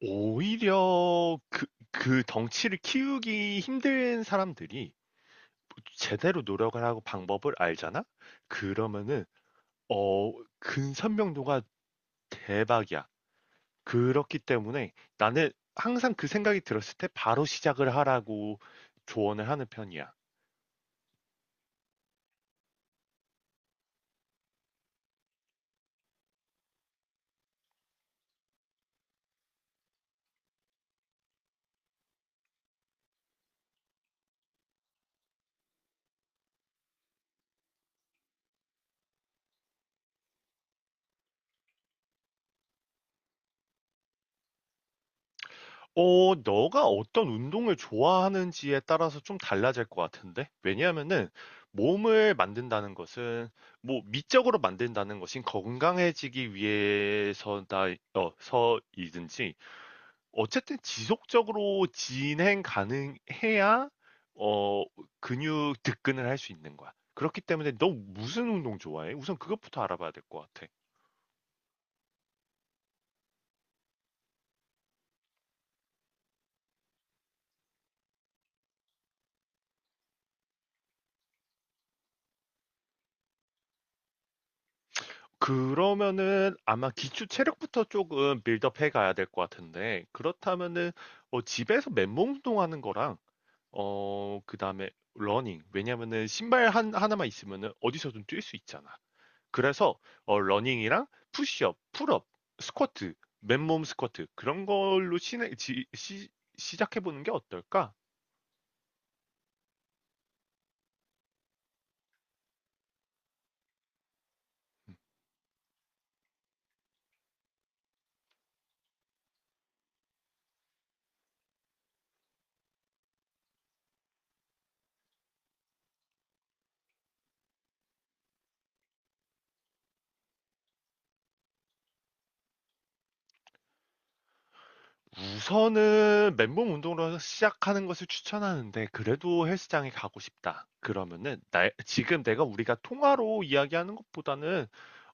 오히려 그 덩치를 키우기 힘든 사람들이 제대로 노력을 하고 방법을 알잖아? 그러면은, 어, 근선명도가 대박이야. 그렇기 때문에 나는 항상 그 생각이 들었을 때 바로 시작을 하라고 조언을 하는 편이야. 너가 어떤 운동을 좋아하는지에 따라서 좀 달라질 것 같은데? 왜냐하면은 몸을 만든다는 것은 뭐 미적으로 만든다는 것인 건강해지기 위해서다, 어, 서이든지 어쨌든 지속적으로 진행 가능해야 어, 근육 득근을 할 수 있는 거야. 그렇기 때문에 너 무슨 운동 좋아해? 우선 그것부터 알아봐야 될 것 같아. 그러면은 아마 기초 체력부터 조금 빌드업 해 가야 될 것 같은데 그렇다면은 집에서 맨몸 운동하는 거랑 그다음에 러닝, 왜냐면은 신발 한 하나만 있으면은 어디서든 뛸 수 있잖아. 그래서 러닝이랑 푸시업, 풀업, 스쿼트, 맨몸 스쿼트 그런 걸로 시작해 보는 게 어떨까? 음. 우선은 맨몸 운동으로 시작하는 것을 추천하는데 그래도 헬스장에 가고 싶다. 그러면은 나 지금 내가 우리가 통화로 이야기하는 것보다는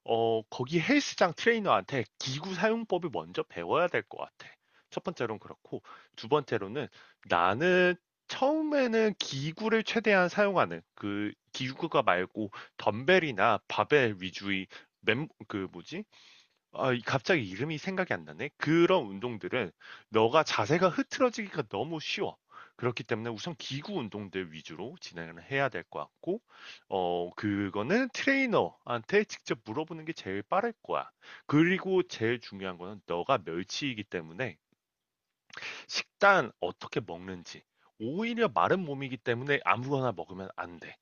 거기 헬스장 트레이너한테 기구 사용법을 먼저 배워야 될 것 같아. 첫 번째로는 그렇고, 두 번째로는 나는 처음에는 기구를 최대한 사용하는 그 기구가 말고 덤벨이나 바벨 위주의 맨, 그 뭐지? 아, 이 갑자기 이름이 생각이 안 나네. 그런 운동들은 너가 자세가 흐트러지기가 너무 쉬워. 그렇기 때문에 우선 기구 운동들 위주로 진행을 해야 될 것 같고, 어, 그거는 트레이너한테 직접 물어보는 게 제일 빠를 거야. 그리고 제일 중요한 거는 너가 멸치이기 때문에 식단 어떻게 먹는지, 오히려 마른 몸이기 때문에 아무거나 먹으면 안 돼.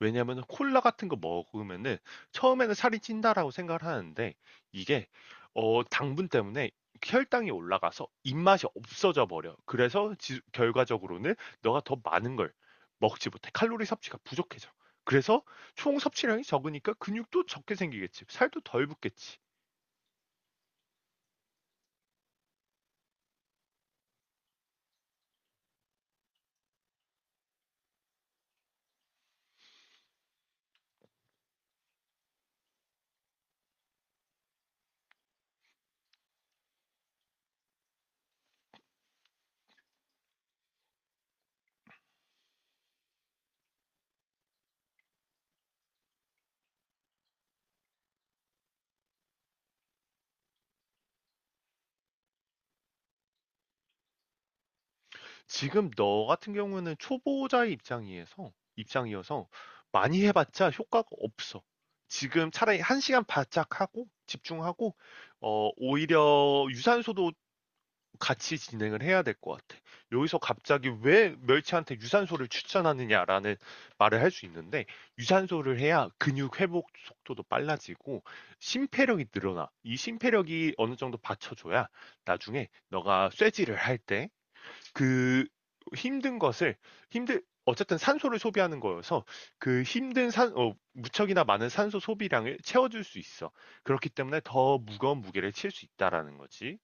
왜냐하면 콜라 같은 거 먹으면은 처음에는 살이 찐다라고 생각을 하는데 이게 당분 때문에 혈당이 올라가서 입맛이 없어져 버려. 그래서 결과적으로는 너가 더 많은 걸 먹지 못해. 칼로리 섭취가 부족해져. 그래서 총 섭취량이 적으니까 근육도 적게 생기겠지. 살도 덜 붙겠지. 지금 너 같은 경우는 초보자의 입장이어서 입장이어서 많이 해봤자 효과가 없어. 지금 차라리 한 시간 바짝 하고 집중하고, 오히려 유산소도 같이 진행을 해야 될 것 같아. 여기서 갑자기 왜 멸치한테 유산소를 추천하느냐라는 말을 할 수 있는데, 유산소를 해야 근육 회복 속도도 빨라지고 심폐력이 늘어나. 이 심폐력이 어느 정도 받쳐줘야 나중에 너가 쇠질을 할때 그 힘든 것을 힘들 어쨌든 산소를 소비하는 거여서 무척이나 많은 산소 소비량을 채워줄 수 있어. 그렇기 때문에 더 무거운 무게를 칠 수 있다라는 거지.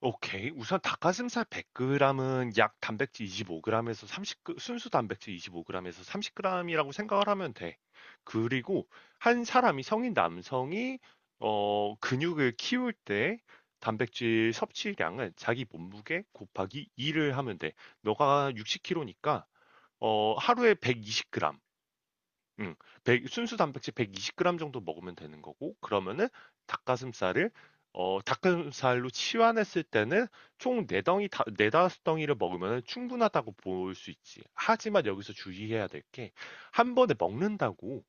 오케이. 우선 닭가슴살 100 그램은 약 단백질 25 그램에서 30 그 순수 단백질 25 그램에서 30 그램이라고 생각을 하면 돼. 그리고 한 사람이 성인 남성이 근육을 키울 때 단백질 섭취량은 자기 몸무게 곱하기 2를 하면 돼. 너가 60kg니까 하루에 120 그램. 음. 백 순수 단백질 120g 정도 먹으면 되는 거고, 그러면은 닭가슴살을 어 닭가슴살로 치환했을 때는 총 4 덩이 다 4-5 덩이를 먹으면 충분하다고 볼 수 있지. 하지만 여기서 주의해야 될 게 한 번에 먹는다고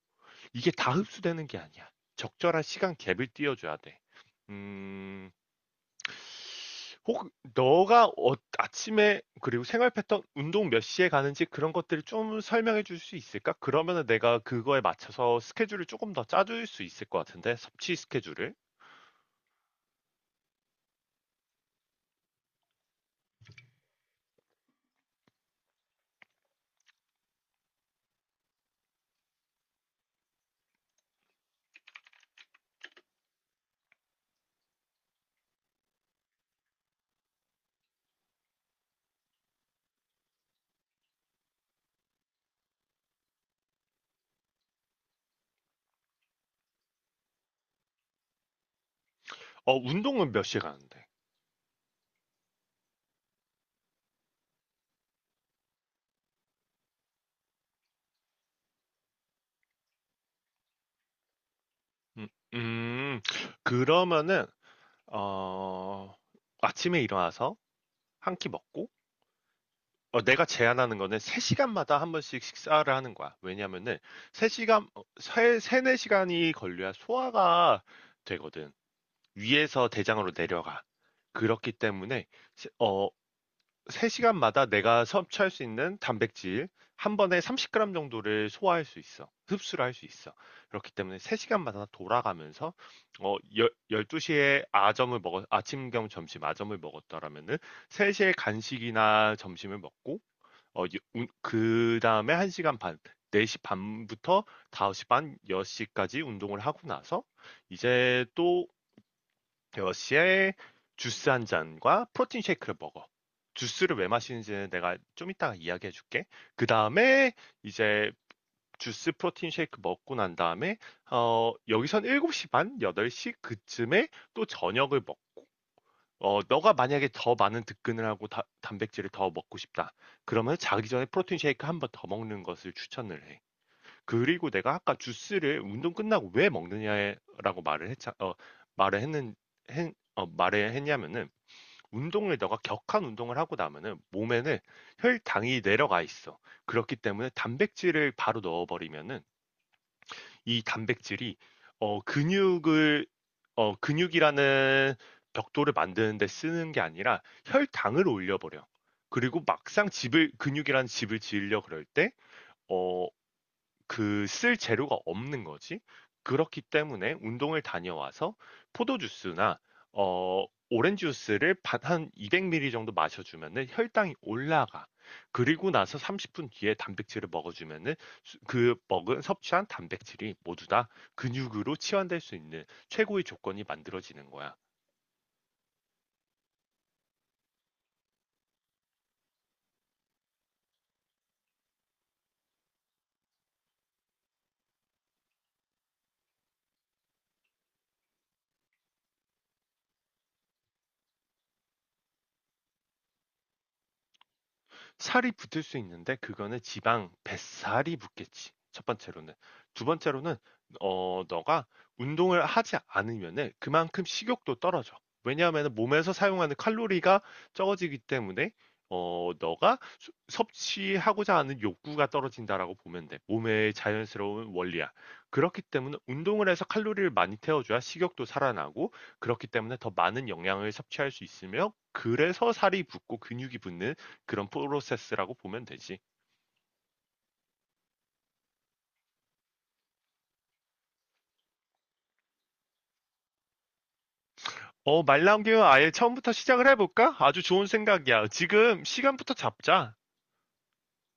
이게 다 흡수되는 게 아니야. 적절한 시간 갭을 띄워 줘야 돼. 음. 혹 너가 어 아침에 그리고 생활 패턴, 운동 몇 시에 가는지 그런 것들을 좀 설명해 줄 수 있을까? 그러면은 내가 그거에 맞춰서 스케줄을 조금 더 짜줄 수 있을 것 같은데, 섭취 스케줄을. 어, 운동은 몇 시에 가는데? 음. 음. 그러면은 어 아침에 일어나서 한 끼 먹고, 내가 제안하는 거는 3 시간마다 한 번씩 식사를 하는 거야. 왜냐면은 3 시간 어 세 3-4 시간이 걸려야 소화가 되거든. 위에서 대장으로 내려가. 그렇기 때문에 세- 어, 3시간마다 내가 섭취할 수 있는 단백질 한 번에 30g 정도를 소화할 수 있어. 흡수를 할 수 있어. 그렇기 때문에 3시간마다 돌아가면서, 어, 열, 12시에 아점을 먹어, 아침 겸 점심. 아점을 먹었더라면은 3시에 간식이나 점심을 먹고, 어, 그 다음에 1시간 반, 4시 반부터 5시 반, 6시까지 운동을 하고 나서, 이제 또 러시에 주스 한 잔과 프로틴 쉐이크를 먹어. 주스를 왜 마시는지는 내가 좀 이따가 이야기해 줄게. 그 다음에 이제 주스, 프로틴 쉐이크 먹고 난 다음에 어, 여기선 7시 반, 8시 그쯤에 또 저녁을 먹고, 어, 너가 만약에 더 많은 득근을 하고 단백질을 더 먹고 싶다. 그러면 자기 전에 프로틴 쉐이크 한 번 더 먹는 것을 추천을 해. 그리고 내가 아까 주스를 운동 끝나고 왜 먹느냐라고 말을 했자 어 말을 했는 했, 어, 말을 했냐면은, 운동을 너가 격한 운동을 하고 나면은 몸에는 혈당이 내려가 있어. 그렇기 때문에 단백질을 바로 넣어버리면은 이 단백질이 어 근육을 어 근육이라는 벽돌을 만드는 데 쓰는 게 아니라 혈당을 올려버려. 그리고 막상 집을 근육이라는 집을 지으려 그럴 때어 그 쓸 재료가 없는 거지. 그렇기 때문에 운동을 다녀와서 포도 주스나 어, 오렌지 주스를 반 한 200ml 정도 마셔 주면은 혈당이 올라가. 그리고 나서 30분 뒤에 단백질을 먹어 주면은 수 그 먹은 섭취한 단백질이 모두 다 근육으로 치환될 수 있는 최고의 조건이 만들어지는 거야. 살이 붙을 수 있는데, 그거는 지방, 뱃살이 붙겠지. 첫 번째로는. 두 번째로는 어, 너가 운동을 하지 않으면은 그만큼 식욕도 떨어져. 왜냐하면은 몸에서 사용하는 칼로리가 적어지기 때문에 너가 섭취하고자 하는 욕구가 떨어진다라고 보면 돼. 몸의 자연스러운 원리야. 그렇기 때문에 운동을 해서 칼로리를 많이 태워줘야 식욕도 살아나고, 그렇기 때문에 더 많은 영양을 섭취할 수 있으며, 그래서 살이 붙고 근육이 붙는 그런 프로세스라고 보면 되지. 어, 말 나온 김에 아예 처음부터 시작을 해볼까? 아주 좋은 생각이야. 지금 시간부터 잡자.